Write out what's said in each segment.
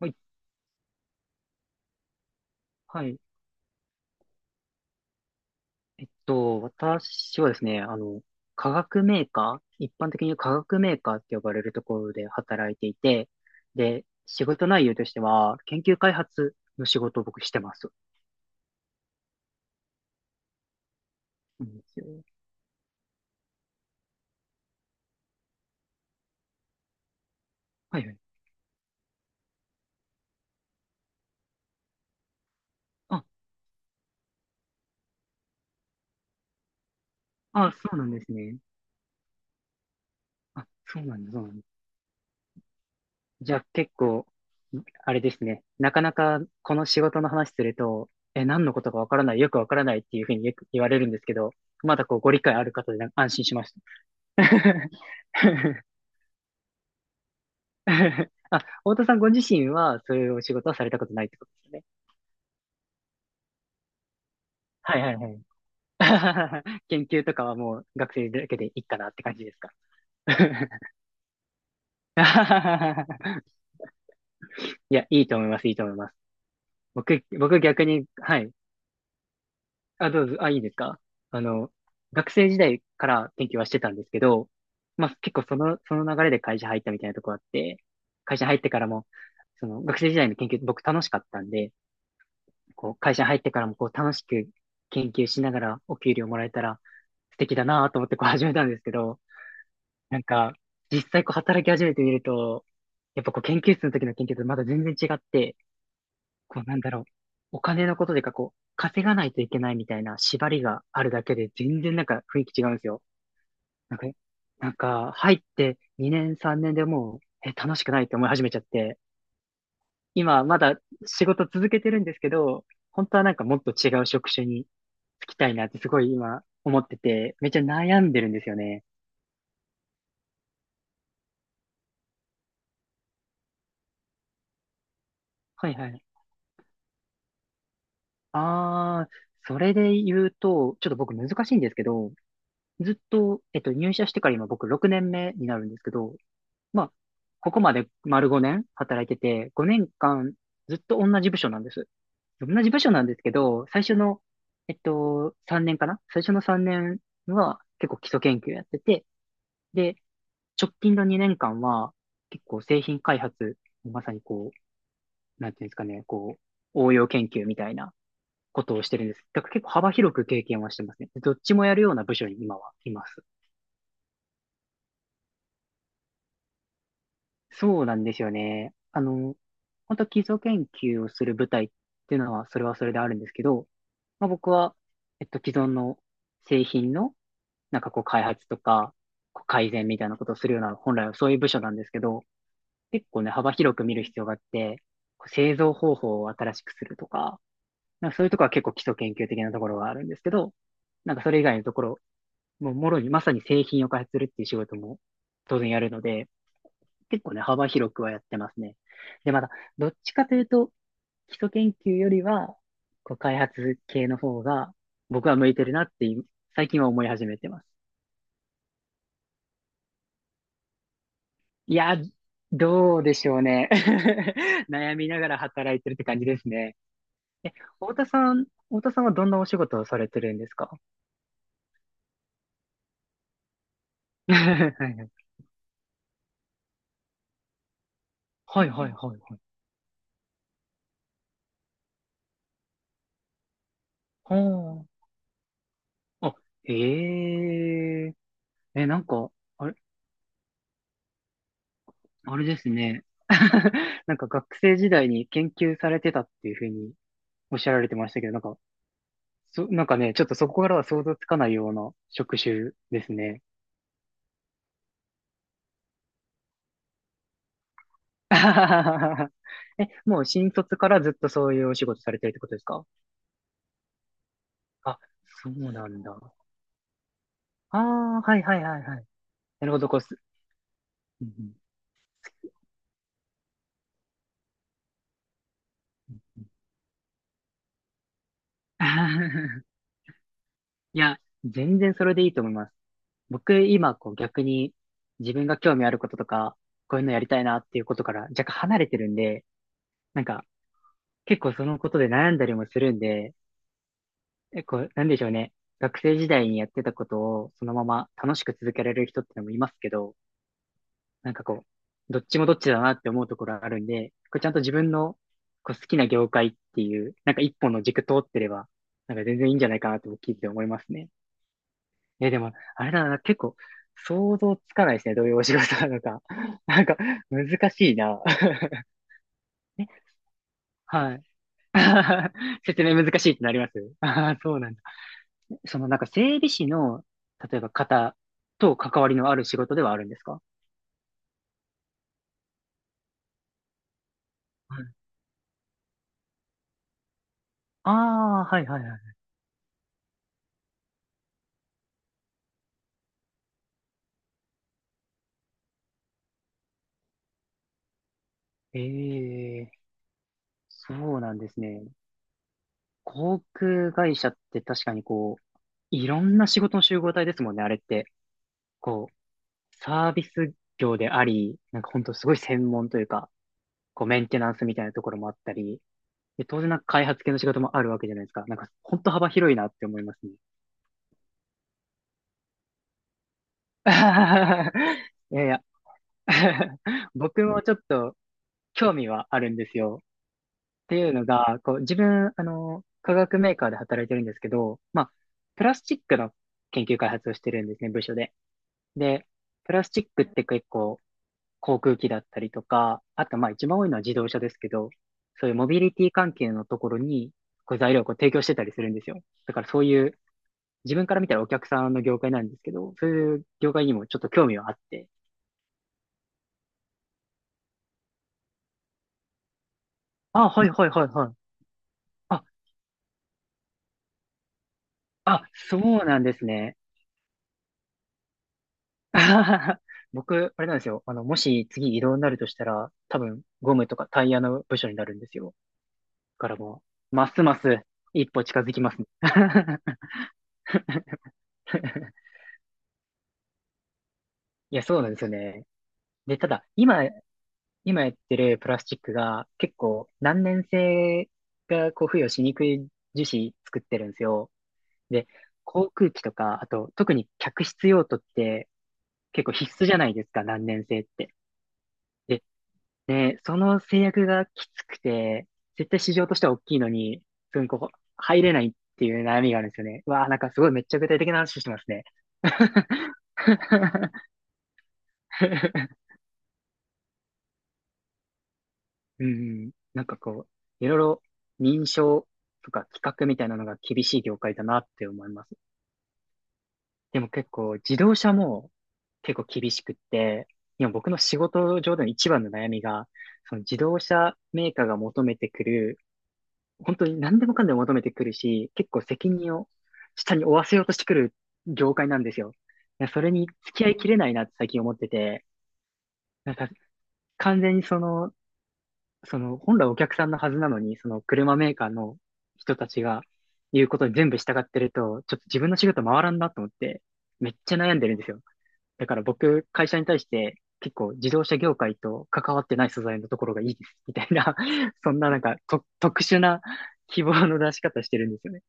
はい。はい。私はですね、化学メーカー、一般的に化学メーカーって呼ばれるところで働いていて、で、仕事内容としては、研究開発の仕事を僕してます。なんですよ。はいはい。あ、あ、そうなんですね。あ、そうなんだ、そうなんだ。じゃあ結構、あれですね。なかなかこの仕事の話すると、え、何のことかわからない、よくわからないっていうふうによく言われるんですけど、まだこうご理解ある方でなんか安心しました。あ、太田さんご自身はそういうお仕事はされたことないってことですよね。はいはいはい。研究とかはもう学生だけでいいかなって感じですか？ いや、いいと思います、いいと思います。僕逆に、はい。あ、どうぞ、あ、いいですか？あの、学生時代から研究はしてたんですけど、まあ結構その流れで会社入ったみたいなとこあって、会社入ってからも、その学生時代の研究僕楽しかったんで、こう、会社に入ってからもこう、楽しく研究しながらお給料もらえたら素敵だなと思ってこう 始めたんですけど、なんか、実際こう働き始めてみると、やっぱこう研究室の時の研究とまだ全然違って、こうなんだろう、お金のことでかこう、稼がないといけないみたいな縛りがあるだけで全然なんか雰囲気違うんですよ。なんか、なんか入って2年3年でもう、え、楽しくないって思い始めちゃって、今まだ仕事続けてるんですけど、本当はなんかもっと違う職種につきたいなってすごい今思ってて、めっちゃ悩んでるんですよね。はいはい。ああそれで言うと、ちょっと僕難しいんですけど、ずっと、入社してから今僕6年目になるんですけど、まあ、ここまで丸5年働いてて、5年間ずっと同じ部署なんです。同じ部署なんですけど、最初の、3年かな最初の3年は結構基礎研究やってて、で、直近の2年間は結構製品開発、まさにこう、なんていうんですかね、こう、応用研究みたいなことをしてるんです。だから結構幅広く経験はしてますね。どっちもやるような部署に今はいます。そうなんですよね。本当基礎研究をする部隊っていうのは、それはそれであるんですけど、まあ、僕は、既存の製品の、なんかこう、開発とか、こう改善みたいなことをするような、本来はそういう部署なんですけど、結構ね、幅広く見る必要があって、こう製造方法を新しくするとか、なんかそういうところは結構基礎研究的なところはあるんですけど、なんかそれ以外のところ、もうもろにまさに製品を開発するっていう仕事も当然やるので、結構ね、幅広くはやってますね。で、また、どっちかというと、基礎研究よりは、こう開発系の方が、僕は向いてるなって今、最近は思い始めてます。いや、どうでしょうね。悩みながら働いてるって感じですね。え、太田さんはどんなお仕事をされてるんですか？ はいはいはいはい。うん。あ、へえ。え、なんか、あれ、あれですね。なんか学生時代に研究されてたっていうふうにおっしゃられてましたけど、なんか、なんかね、ちょっとそこからは想像つかないような職種ですね。え、もう新卒からずっとそういうお仕事されてるってことですか？あ、そうなんだ。ああ、はいはいはいはい。なるほど。こうす。うんうん いや、全然それでいいと思います。僕今こう逆に自分が興味あることとか、こういうのやりたいなっていうことから若干離れてるんで、なんか結構そのことで悩んだりもするんで、結構なんでしょうね。学生時代にやってたことをそのまま楽しく続けられる人ってのもいますけど、なんかこう、どっちもどっちだなって思うところあるんで、これちゃんと自分のこう好きな業界っていう、なんか一本の軸通ってれば、なんか全然いいんじゃないかなと僕聞いて思いますね。え、でも、あれだな、結構、想像つかないですね。どういうお仕事なのか。なんか、難しいな。え、はい。説明難しいってなります ああ、そうなんだ。その、なんか、整備士の、例えば方と関わりのある仕事ではあるんですか？はい。ああ、はいはいはい。ええ、そうなんですね。航空会社って確かにこう、いろんな仕事の集合体ですもんね、あれって。こう、サービス業であり、なんかほんとすごい専門というか、こうメンテナンスみたいなところもあったり、で、当然なんか開発系の仕事もあるわけじゃないですか。なんか、本当幅広いなって思いますね。いやいや 僕もちょっと興味はあるんですよ。っていうのが、こう、自分、化学メーカーで働いてるんですけど、まあ、プラスチックの研究開発をしてるんですね、部署で。で、プラスチックって結構、航空機だったりとか、あとまあ一番多いのは自動車ですけど、そういうモビリティ関係のところに、こう材料をこう提供してたりするんですよ。だからそういう、自分から見たらお客さんの業界なんですけど、そういう業界にもちょっと興味はあって、あ、はいはいはいはい。あ、あ、そうなんですね。僕、あれなんですよ。もし次移動になるとしたら、多分ゴムとかタイヤの部署になるんですよ。だからもう、ますます一歩近づきますね。いや、そうなんですよね。で、ただ、今、やってるプラスチックが結構難燃性がこう付与しにくい樹脂作ってるんですよ。で、航空機とか、あと特に客室用途って結構必須じゃないですか、難燃性って。で、ね、その制約がきつくて、絶対市場としては大きいのに、すぐここ入れないっていう悩みがあるんですよね。うわあ、なんかすごいめっちゃ具体的な話してますね。うんうん。なんかこう、いろいろ認証とか規格みたいなのが厳しい業界だなって思います。でも結構自動車も結構厳しくって、今僕の仕事上での一番の悩みが、その自動車メーカーが求めてくる、本当に何でもかんでも求めてくるし、結構責任を下に負わせようとしてくる業界なんですよ。いやそれに付き合いきれないなって最近思ってて、なんか完全にその本来お客さんのはずなのに、その車メーカーの人たちが言うことに全部従ってると、ちょっと自分の仕事回らんなと思って、めっちゃ悩んでるんですよ。だから僕、会社に対して結構自動車業界と関わってない素材のところがいいです、みたいな そんななんかと特殊な希望の出し方してるんですよね。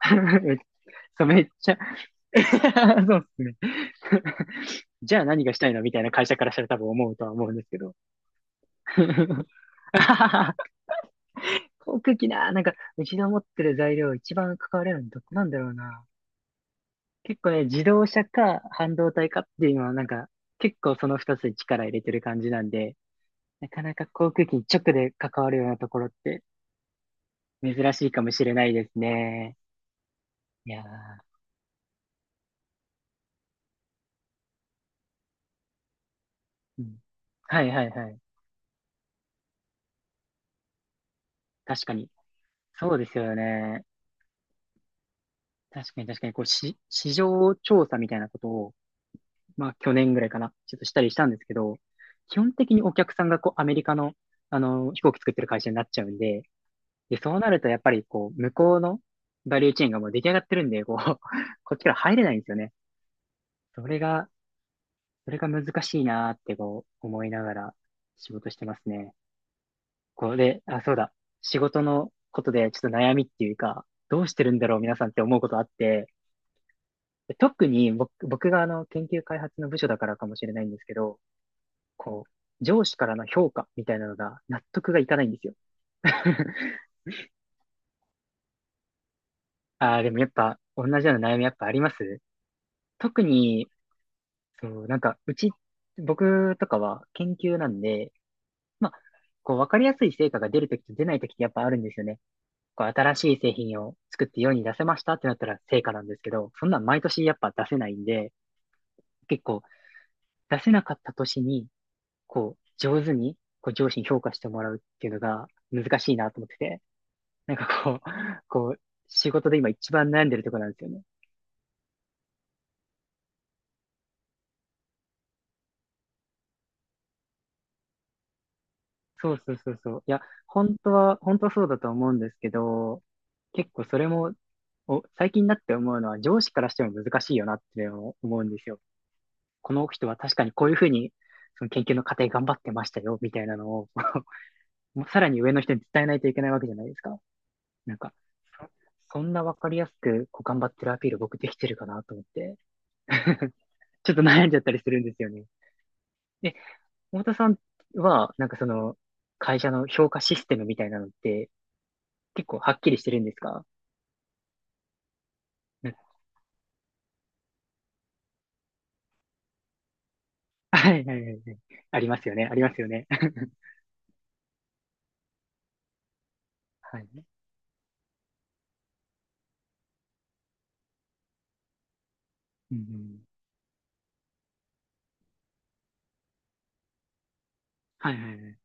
めっちゃめっちゃ そうですね。じゃあ何がしたいのみたいな、会社からしたら多分思うとは思うんですけど。航空機な、なんか、うちの持ってる材料、一番関われるのどこなんだろうな。結構ね、自動車か半導体かっていうのは、結構その二つに力入れてる感じなんで、なかなか航空機に直で関わるようなところって珍しいかもしれないですね。いやー、うん。はいはいはい。確かに。そうですよね。確かに確かに、市場調査みたいなことを、まあ去年ぐらいかな、ちょっとしたりしたんですけど、基本的にお客さんがこうアメリカの、飛行機作ってる会社になっちゃうんで、で、そうなるとやっぱりこう、向こうのバリューチェーンがもう出来上がってるんで、こう、こっちから入れないんですよね。それが、それが難しいなーってこう、思いながら仕事してますね。こうで、あ、そうだ。仕事のことでちょっと悩みっていうか、どうしてるんだろう皆さんって思うことあって、特に僕が、あの、研究開発の部署だからかもしれないんですけど、こう、上司からの評価みたいなのが納得がいかないんですよ。ああ、でもやっぱ同じような悩みやっぱあります。特に、そう、なんか、うち、僕とかは研究なんで、まあ、こう、わかりやすい成果が出るときと出ないときってやっぱあるんですよね。こう、新しい製品を作って世に出せましたってなったら成果なんですけど、そんなん毎年やっぱ出せないんで、結構出せなかった年に、こう、上手に、こう、上司に評価してもらうっていうのが難しいなと思ってて。なんかこう、こう、仕事で今一番悩んでるところなんですよね。そうそうそうそう。いや、本当はそうだと思うんですけど、結構それも、最近になって思うのは、上司からしても難しいよなって思うんですよ。この人は確かにこういうふうに、その研究の過程頑張ってましたよ、みたいなのを もうさらに上の人に伝えないといけないわけじゃないですか。なんか、そそんなわかりやすく、こう頑張ってるアピール僕できてるかなと思って、ちょっと悩んじゃったりするんですよね。で、太田さんは、なんかその、会社の評価システムみたいなのって、結構はっきりしてるんですか？なんかはいはいはいはい。ありますよね、ありますよね。はい。うんうん。はいはいはい。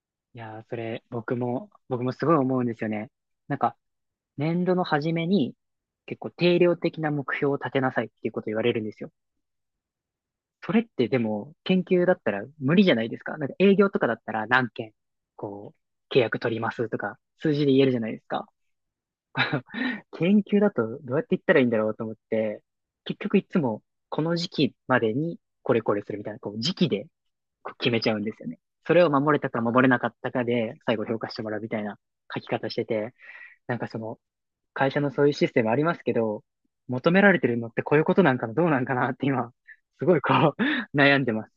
いやー、それ、僕もすごい思うんですよね。なんか、年度の初めに、結構定量的な目標を立てなさいっていうこと言われるんですよ。それってでも、研究だったら無理じゃないですか。なんか営業とかだったら何件、こう、契約取りますとか、数字で言えるじゃないですか。研究だとどうやって言ったらいいんだろうと思って、結局いつもこの時期までにこれこれするみたいな、こう時期でこう決めちゃうんですよね。それを守れたか守れなかったかで最後評価してもらうみたいな書き方してて、なんかその会社のそういうシステムありますけど、求められてるのってこういうことなんかな、どうなんかなって今、すごいこう 悩んでます。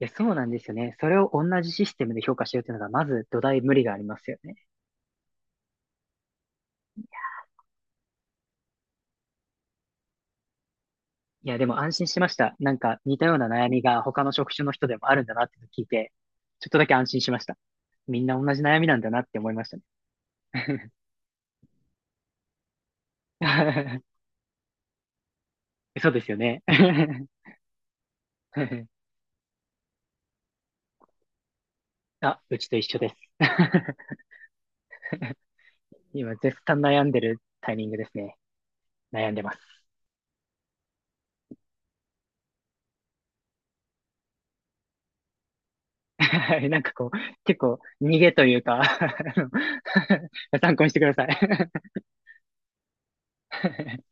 いや、そうなんですよね。それを同じシステムで評価しようっていうのが、まず土台無理がありますよね。いや、でも安心しました。なんか似たような悩みが他の職種の人でもあるんだなって聞いて、ちょっとだけ安心しました。みんな同じ悩みなんだなって思いましたね。そうですよね。あ、うちと一緒です。今絶賛悩んでるタイミングですね。悩んでます。はい、なんかこう、結構逃げというか、 あの、 参考にしてください。